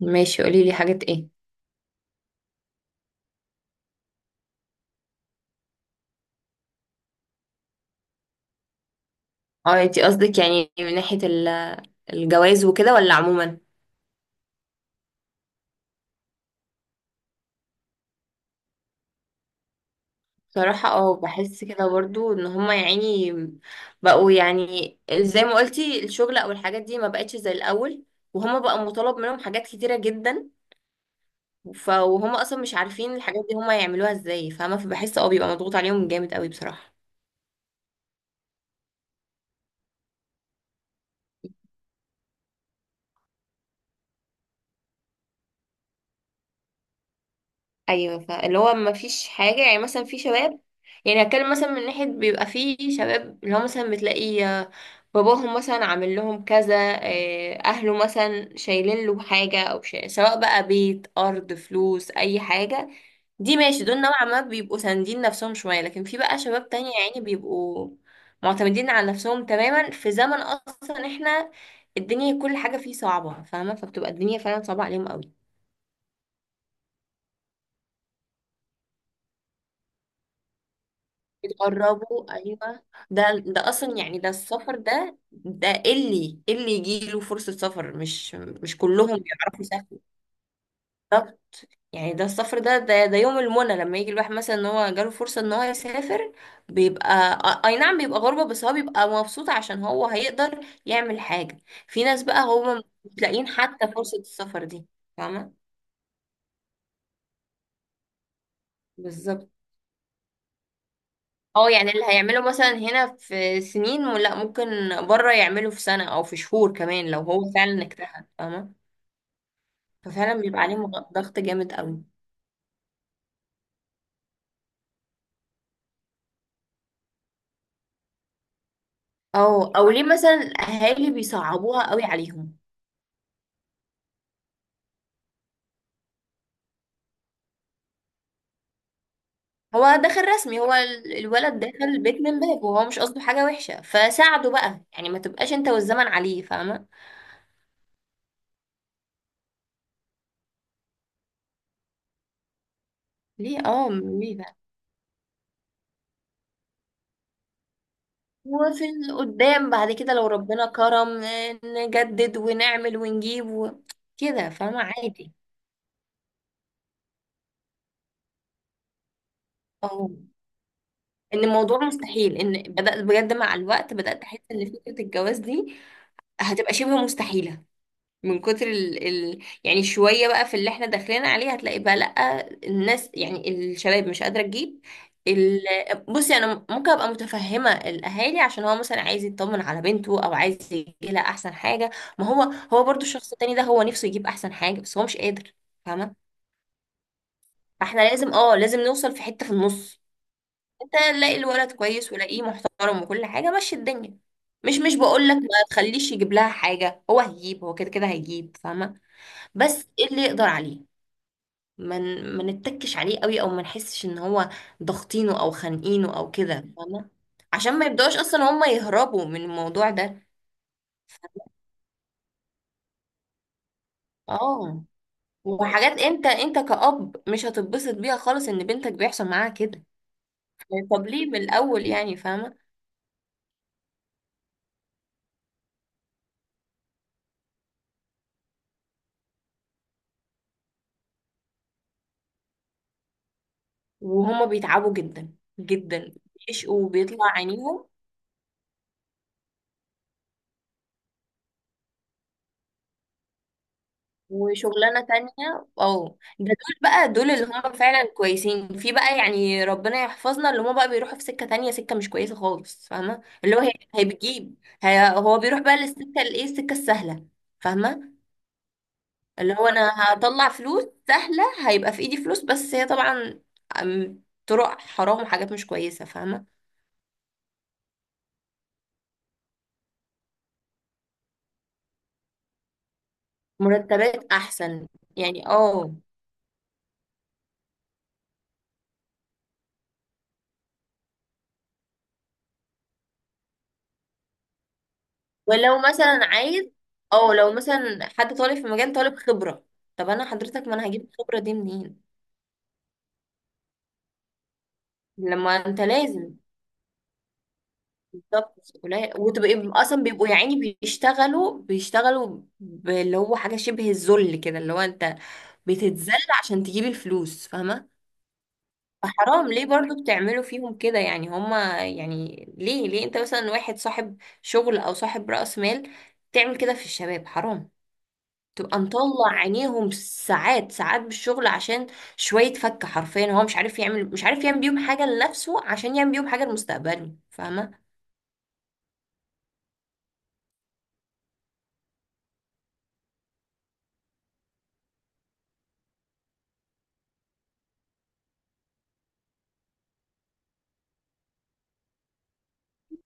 ماشي، قولي لي حاجات ايه؟ اه، انتي قصدك يعني من ناحية الجواز وكده ولا عموما؟ بصراحة بحس كده برضو ان هما، يعني بقوا يعني زي ما قلتي، الشغل او الحاجات دي ما بقتش زي الاول. وهما بقى مطالب منهم حاجات كتيرة جدا. وهما اصلا مش عارفين الحاجات دي هما يعملوها ازاي، فاهمة؟ فبحس بيبقى مضغوط عليهم جامد قوي، بصراحة. ايوه، فاللي هو ما فيش حاجه، يعني مثلا في شباب. يعني هتكلم مثلا من ناحيه، بيبقى في شباب اللي هو مثلا بتلاقي باباهم مثلا عامل لهم كذا. اهله مثلا شايلين له حاجه او شيء، سواء بقى بيت، ارض، فلوس، اي حاجه. دي ماشي، دول نوعا ما بيبقوا ساندين نفسهم شويه، لكن في بقى شباب تانية يعني بيبقوا معتمدين على نفسهم تماما في زمن اصلا احنا الدنيا كل حاجه فيه صعبه، فاهمه؟ فبتبقى الدنيا فعلا صعبه عليهم قوي. بتقربه، ايوه. ده اصلا يعني ده السفر ده اللي يجيله فرصة سفر، مش كلهم بيعرفوا يسافروا. طب يعني ده السفر ده، ده يوم المنى لما يجي الواحد مثلا ان هو جاله فرصة ان هو يسافر. بيبقى اي نعم، بيبقى غربة بس هو بيبقى مبسوط عشان هو هيقدر يعمل حاجة. في ناس بقى هم مش لاقيين حتى فرصة السفر دي، فاهمة؟ بالظبط، اه. يعني اللي هيعمله مثلا هنا في سنين، ولا ممكن بره يعمله في سنة او في شهور كمان لو هو فعلا اجتهد، فاهمة؟ ففعلا بيبقى عليه ضغط جامد قوي. او ليه مثلا الاهالي بيصعبوها قوي عليهم؟ هو دخل رسمي، هو الولد دخل البيت من باب وهو مش قصده حاجة وحشة، فساعده بقى يعني، ما تبقاش انت والزمن عليه، فاهمة؟ ليه بقى؟ وفي قدام بعد كده لو ربنا كرم نجدد ونعمل ونجيب كده، فاهمة؟ عادي. اه، ان الموضوع مستحيل، ان بدأت بجد مع الوقت بدأت احس ان فكرة الجواز دي هتبقى شبه مستحيلة. من كتر يعني شوية بقى في اللي احنا داخلين عليه، هتلاقي بقى لأ، الناس يعني الشباب مش قادرة تجيب ال... بصي، انا ممكن ابقى متفهمة الاهالي عشان هو مثلا عايز يطمن على بنته، او عايز يجيب لها احسن حاجة. ما هو برضو الشخص التاني ده هو نفسه يجيب احسن حاجة، بس هو مش قادر، فاهمة؟ فاحنا لازم نوصل في حتة في النص. انت لاقي الولد كويس ولاقيه محترم، وكل حاجه مشي الدنيا. مش بقول لك ما تخليش يجيب لها حاجه، هو هيجيب، هو كده كده هيجيب، فاهمه؟ بس ايه اللي يقدر عليه. ما نتكش عليه قوي، او ما نحسش ان هو ضاغطينه او خانقينه او كده، فاهمه؟ عشان ما يبداوش اصلا هم يهربوا من الموضوع ده. اه، وحاجات انت كأب مش هتتبسط بيها خالص ان بنتك بيحصل معاها كده. طب ليه من الاول يعني، فاهمه؟ وهما بيتعبوا جدا جدا. بيشقوا وبيطلع عينيهم، وشغلانة تانية. اه، ده دول بقى دول اللي هم فعلا كويسين. في بقى يعني ربنا يحفظنا اللي هم بقى بيروحوا في سكة تانية، سكة مش كويسة خالص، فاهمة؟ اللي هو هي هي بتجيب هي هو بيروح بقى للسكة الايه، السكة السهلة، فاهمة؟ اللي هو انا هطلع فلوس سهلة، هيبقى في ايدي فلوس، بس هي طبعا طرق حرام وحاجات مش كويسة، فاهمة؟ مرتبات احسن يعني، اه. ولو مثلا عايز، او لو مثلا حد طالب في مجال طالب خبرة. طب انا حضرتك، ما انا هجيب الخبرة دي منين؟ لما انت لازم. بالظبط قليل، وتبقى اصلا بيبقوا يا عيني بيشتغلوا اللي هو حاجة شبه الذل كده، اللي هو انت بتتذل عشان تجيب الفلوس، فاهمة؟ فحرام، ليه برضو بتعملوا فيهم كده يعني هما؟ يعني ليه انت مثلا واحد صاحب شغل او صاحب رأس مال تعمل كده في الشباب؟ حرام. تبقى مطلع عينيهم ساعات ساعات بالشغل، عشان شوية فك. حرفيا هو مش عارف يعمل بيهم حاجة لنفسه عشان يعمل بيهم حاجة لمستقبله، فاهمة؟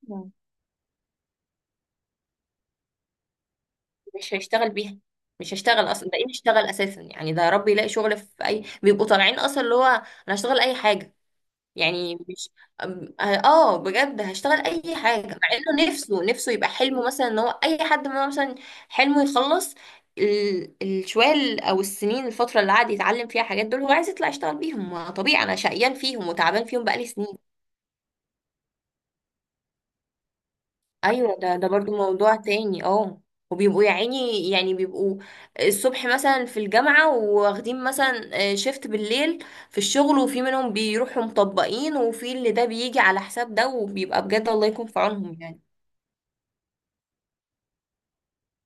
مم. مش هيشتغل بيها. مش هيشتغل اصلا، ده ايه يشتغل اساسا؟ يعني ده يا رب يلاقي شغل في اي. بيبقوا طالعين اصلا اللي هو انا هشتغل اي حاجة. يعني مش بجد هشتغل اي حاجه، مع انه نفسه يبقى حلمه مثلا. ان هو اي حد ما مثلا حلمه يخلص الشوية او السنين، الفتره اللي قعد يتعلم فيها حاجات، دول هو عايز يطلع يشتغل بيهم. ما طبيعي انا شقيان فيهم وتعبان فيهم بقالي سنين. ايوه، ده برضو موضوع تاني، اه. وبيبقوا يا عيني، يعني بيبقوا الصبح مثلا في الجامعة، واخدين مثلا شيفت بالليل في الشغل. وفي منهم بيروحوا مطبقين، وفي اللي ده بيجي على حساب ده، وبيبقى بجد الله يكون في عونهم يعني.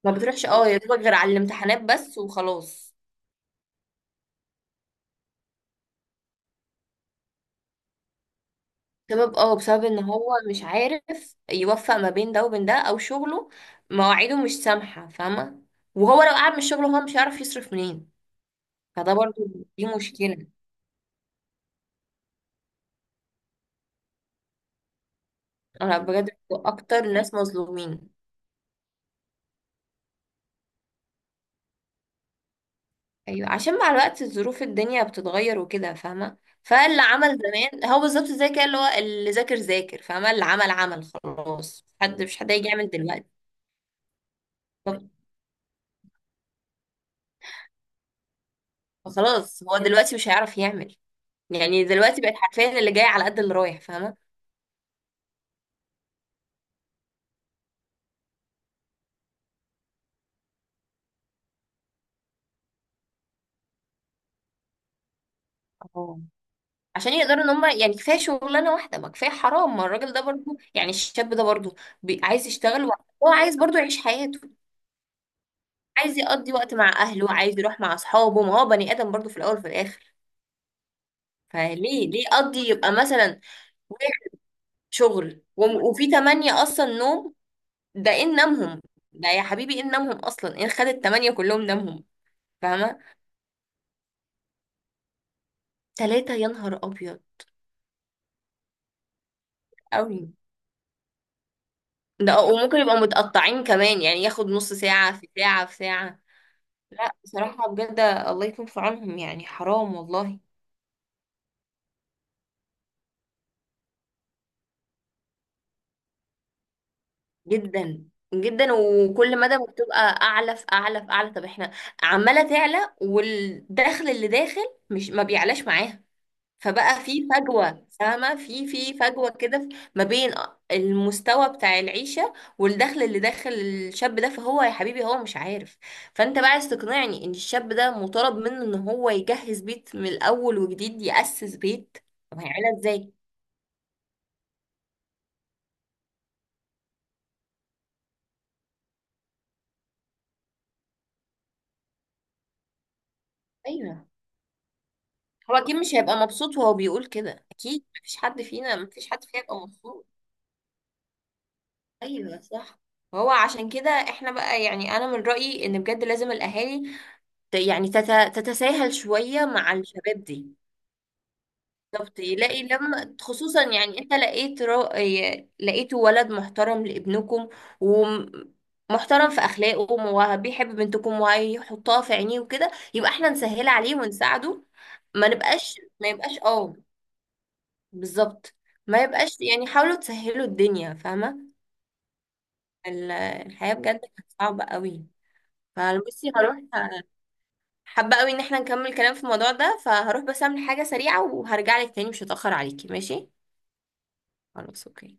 ما بتروحش يا دوبك غير على الامتحانات بس وخلاص. سبب اه بسبب ان هو مش عارف يوفق ما بين ده وبين ده، او شغله مواعيده مش سامحة، فاهمة؟ وهو لو قعد من الشغل، هو مش هيعرف يصرف منين. فده برضو، دي مشكلة. انا بجد بيبقوا اكتر ناس مظلومين. ايوه، عشان مع الوقت الظروف الدنيا بتتغير وكده، فاهمه؟ فاللي عمل زمان هو بالظبط زي كده، اللي هو اللي ذاكر ذاكر فاهمه، اللي عمل عمل خلاص، مش حد هيجي يعمل دلوقتي. فخلاص هو دلوقتي مش هيعرف يعمل. يعني دلوقتي بقت حرفيا اللي جاي على قد اللي رايح، فاهمه؟ اه، عشان يقدروا ان هم يعني كفايه شغلانه واحده، ما كفايه حرام، ما الراجل ده برضو، يعني الشاب ده برضو عايز يشتغل، وهو عايز برضو يعيش حياته. عايز يقضي وقت مع اهله، عايز يروح مع اصحابه، ما هو بني ادم برضو في الاول وفي الاخر. فليه يقضي، يبقى مثلا واحد شغل وفي تمانية اصلا نوم. ده ان نامهم. ده يا حبيبي ان نامهم اصلا، ان خد التمانية كلهم نامهم. فاهمة؟ تلاتة، يا نهار ابيض. قوي. ده وممكن يبقى متقطعين كمان، يعني ياخد نص ساعة في ساعة في ساعة. لا بصراحة، بجد الله يكون في عونهم، يعني حرام والله. جدا جدا. وكل مدى بتبقى اعلى في اعلى في اعلى. طب احنا عماله تعلى، والدخل اللي داخل مش ما بيعلاش معاها. فبقى في فجوه، فاهمه؟ في فجوه كده، ما بين المستوى بتاع العيشه والدخل اللي داخل الشاب ده. فهو يا حبيبي هو مش عارف. فانت بقى عايز تقنعني ان الشاب ده مطالب منه ان هو يجهز بيت من الاول وجديد، ياسس بيت؟ طب هيعملها ازاي؟ ايوه، هو اكيد مش هيبقى مبسوط وهو بيقول كده. اكيد مفيش حد فينا يبقى مبسوط. ايوه، صح. هو عشان كده احنا بقى، يعني انا من رأيي ان بجد لازم الاهالي تتساهل شوية مع الشباب دي. بالظبط، يلاقي لما خصوصا يعني انت لقيت را... ي- لقيتوا ولد محترم لابنكم، ومحترم في اخلاقه وبيحب بنتكم وهيحطها في عينيه وكده، يبقى احنا نسهل عليه ونساعده. ما يبقاش، اه بالظبط. ما يبقاش يعني، حاولوا تسهلوا الدنيا، فاهمة؟ الحياة بجد كانت صعبة قوي. فبصي، هروح. حابة قوي ان احنا نكمل كلام في الموضوع ده، فهروح بس اعمل حاجة سريعة، وهرجع لك تاني، مش هتأخر عليكي، ماشي؟ خلاص، اوكي.